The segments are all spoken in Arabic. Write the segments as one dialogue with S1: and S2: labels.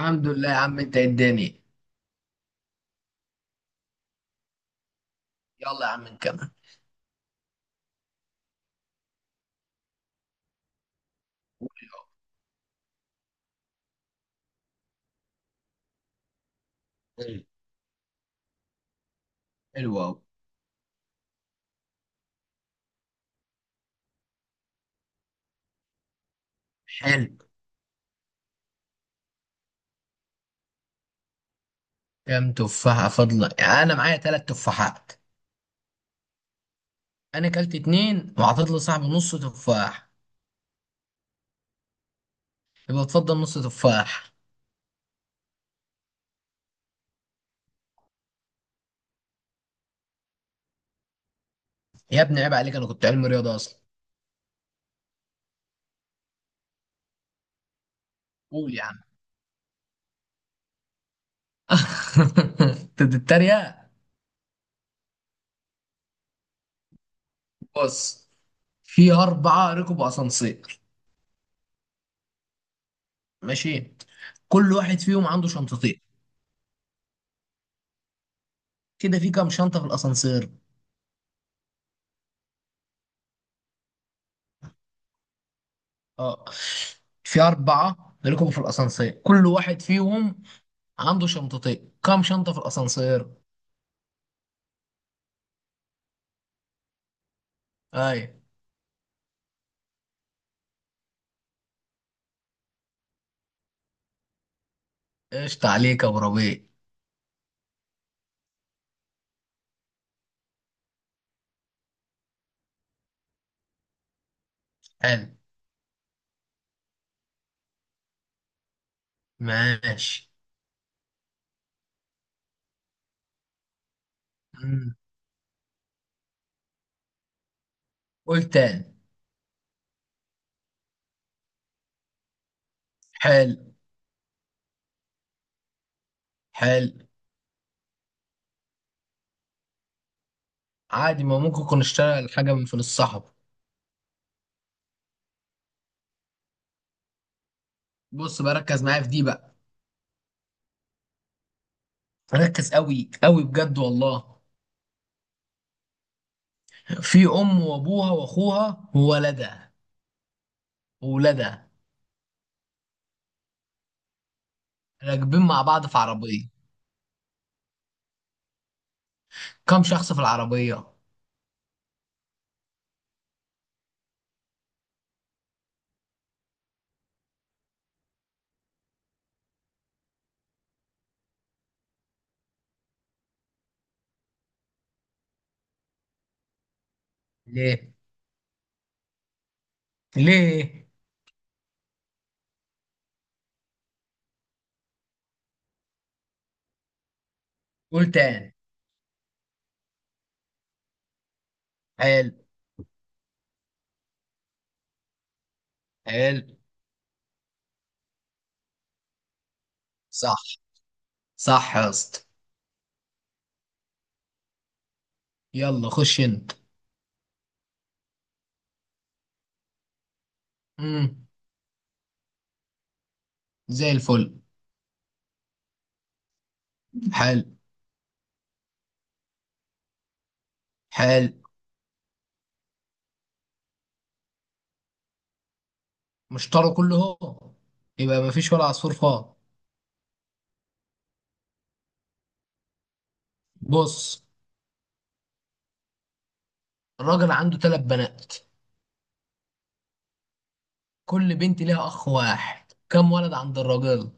S1: الحمد لله يا عم، انت اداني. يلا يا عم نكمل. مم. حلو أوي. حلو. كام تفاحة فاضلة يعني أنا معايا تلات تفاحات؟ أنا كلت اتنين وعطيت لصاحبي نص تفاح. يبقى اتفضل نص تفاح. يا ابني عيب عليك، أنا كنت علمي رياضة أصلا. قول يا عم. أنت بتتريق. بص، في أربعة ركبوا أسانسير. ماشي. كل واحد فيهم عنده شنطتين. كده في كام شنطة في الأسانسير؟ اه، في أربعة ركبوا في الأسانسير، كل واحد فيهم عنده شنطتين. كام شنطة في الأسانسير؟ أي. قشطة عليك يا أبو ربيع. حلو. ماشي. مم. قول تاني. حلو. حلو. عادي، ما ممكن يكون اشتغل حاجة من فلوس صاحبه. بص بقى، ركز معايا في دي بقى. ركز قوي قوي بجد والله. في أم وأبوها وأخوها وولدها راكبين مع بعض في عربية. كام شخص في العربية؟ ليه؟ ليه؟ قول تاني. حلو. حلو. صح. صح يا اسطى. يلا خش انت. امم. زي الفل. حال. حال. مشترى كله هو، يبقى مفيش ولا عصفور فاضي. بص، الراجل عنده ثلاث بنات. كل بنت ليها اخ واحد، كم ولد عند الراجل؟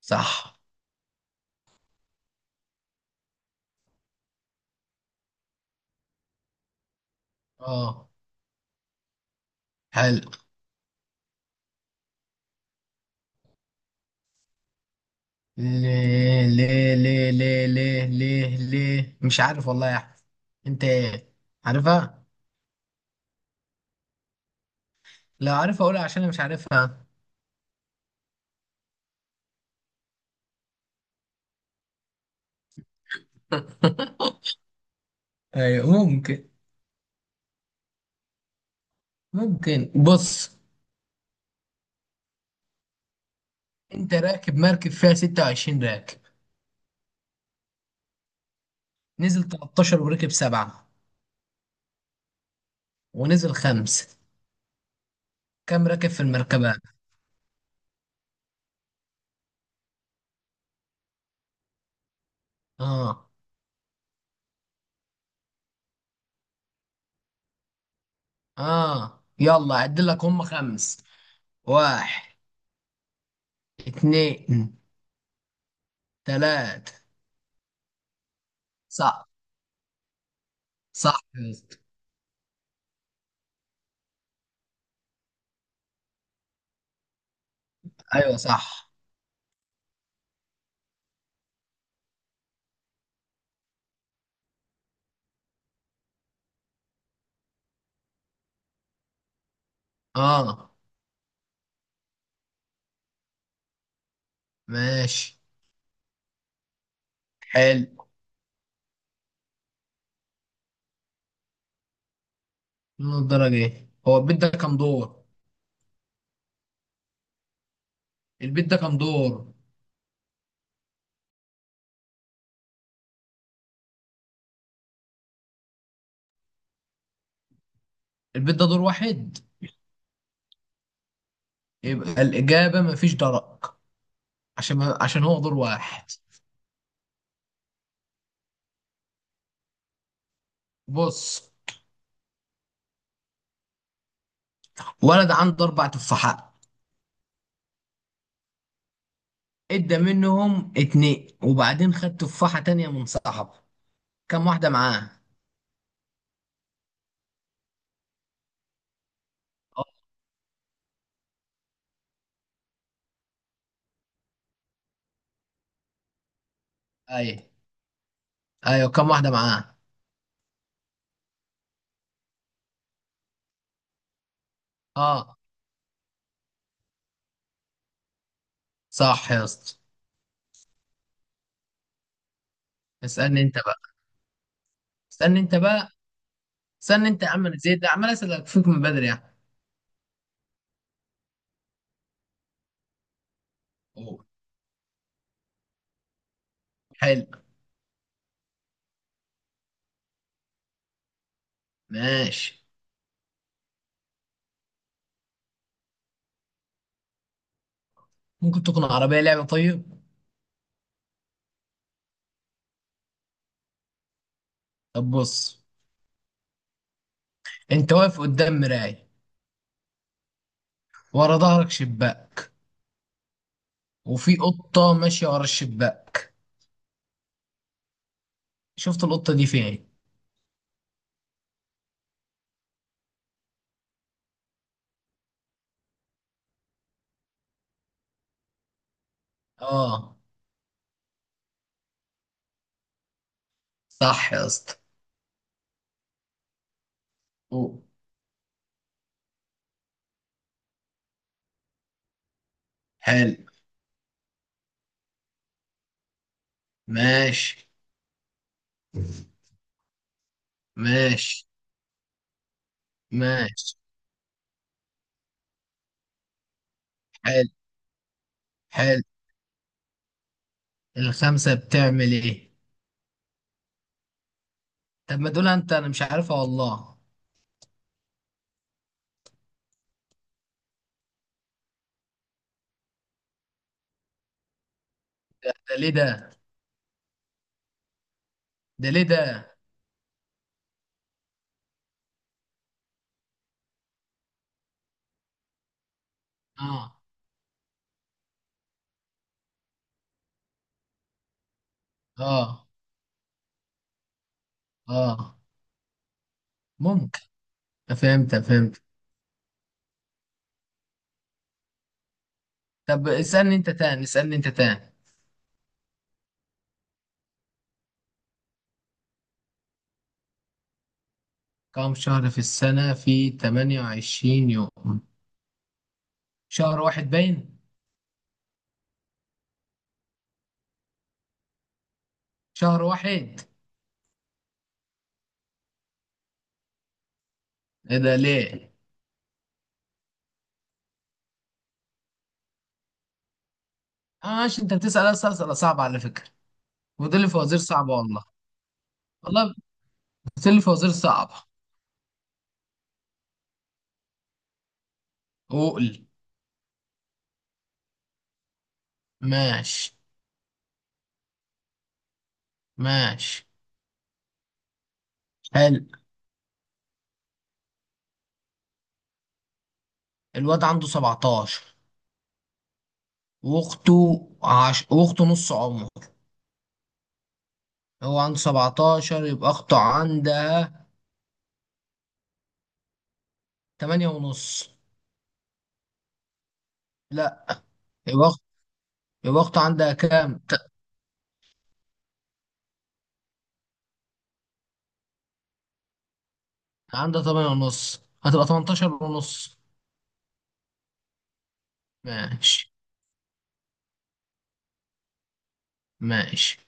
S1: صح. اه. حلو. ليه ليه ليه ليه ليه ليه ليه مش عارف والله يا احمد. انت ايه؟ عارفها؟ لا عارفها، اقولها عشان انا مش عارفها. ايوه ممكن. ممكن. بص، انت راكب مركب فيها 26 راكب. نزل 13 وركب سبعة، ونزل خمسة. كم راكب في المركبة؟ اه. اه، يلا عد لك هم خمس. واحد، اتنين، تلاتة. صح. صح يا اسطى. ايوه صح. اه. ماشي. حلو. من الدرجة ايه؟ هو البيت ده كام دور؟ البيت ده كام دور؟ البيت ده دور واحد. يبقى الإجابة مفيش درج، عشان هو دور واحد. بص، ولد عنده أربع تفاحات. ادى منهم اتنين وبعدين خد تفاحة تانية من صاحبه. كم واحدة معاه؟ اه. أيوة. أيوة كم واحدة معاه؟ اه. صح يا اسطى. اسألني أنت بقى. اسألني أنت بقى. استنى انت يا عم، أنا زيد ده عمال اسالك فيك من بدري يعني. اوه. حلو. ماشي. ممكن تكون عربيه لعبه. طيب، طب بص. انت واقف قدام مرايه، ورا ظهرك شباك، وفي قطه ماشيه ورا الشباك. شفت القطه دي فين؟ اه. صح يا اسطى. أوه. حلو. ماشي ماشي ماشي. حلو. حلو. الخمسة بتعمل ايه؟ طب ما دول انت، انا مش عارفها والله. ده ليه ده؟ ده ليه ده؟ اه اه اه. ممكن. فهمت فهمت. طب اسألني انت تاني. اسألني انت تاني. كم شهر في السنة في 28 يوم؟ شهر واحد باين؟ شهر واحد؟ ايه ده ليه؟ اه ماشي، انت بتسأل اسئلة صعبة على فكرة. ودول فوازير صعبة والله. والله. سل فوازير صعبة. عقل. ماشي. ماشي. حلو. الواد عنده 17. واخته واخته نص عمره. هو عنده 17، يبقى اخته عندها 8 ونص. لا. يبقى اخته يبقى اخته عندها كام؟ عندها 8 ونص، هتبقى 18 ونص. ماشي. ماشي.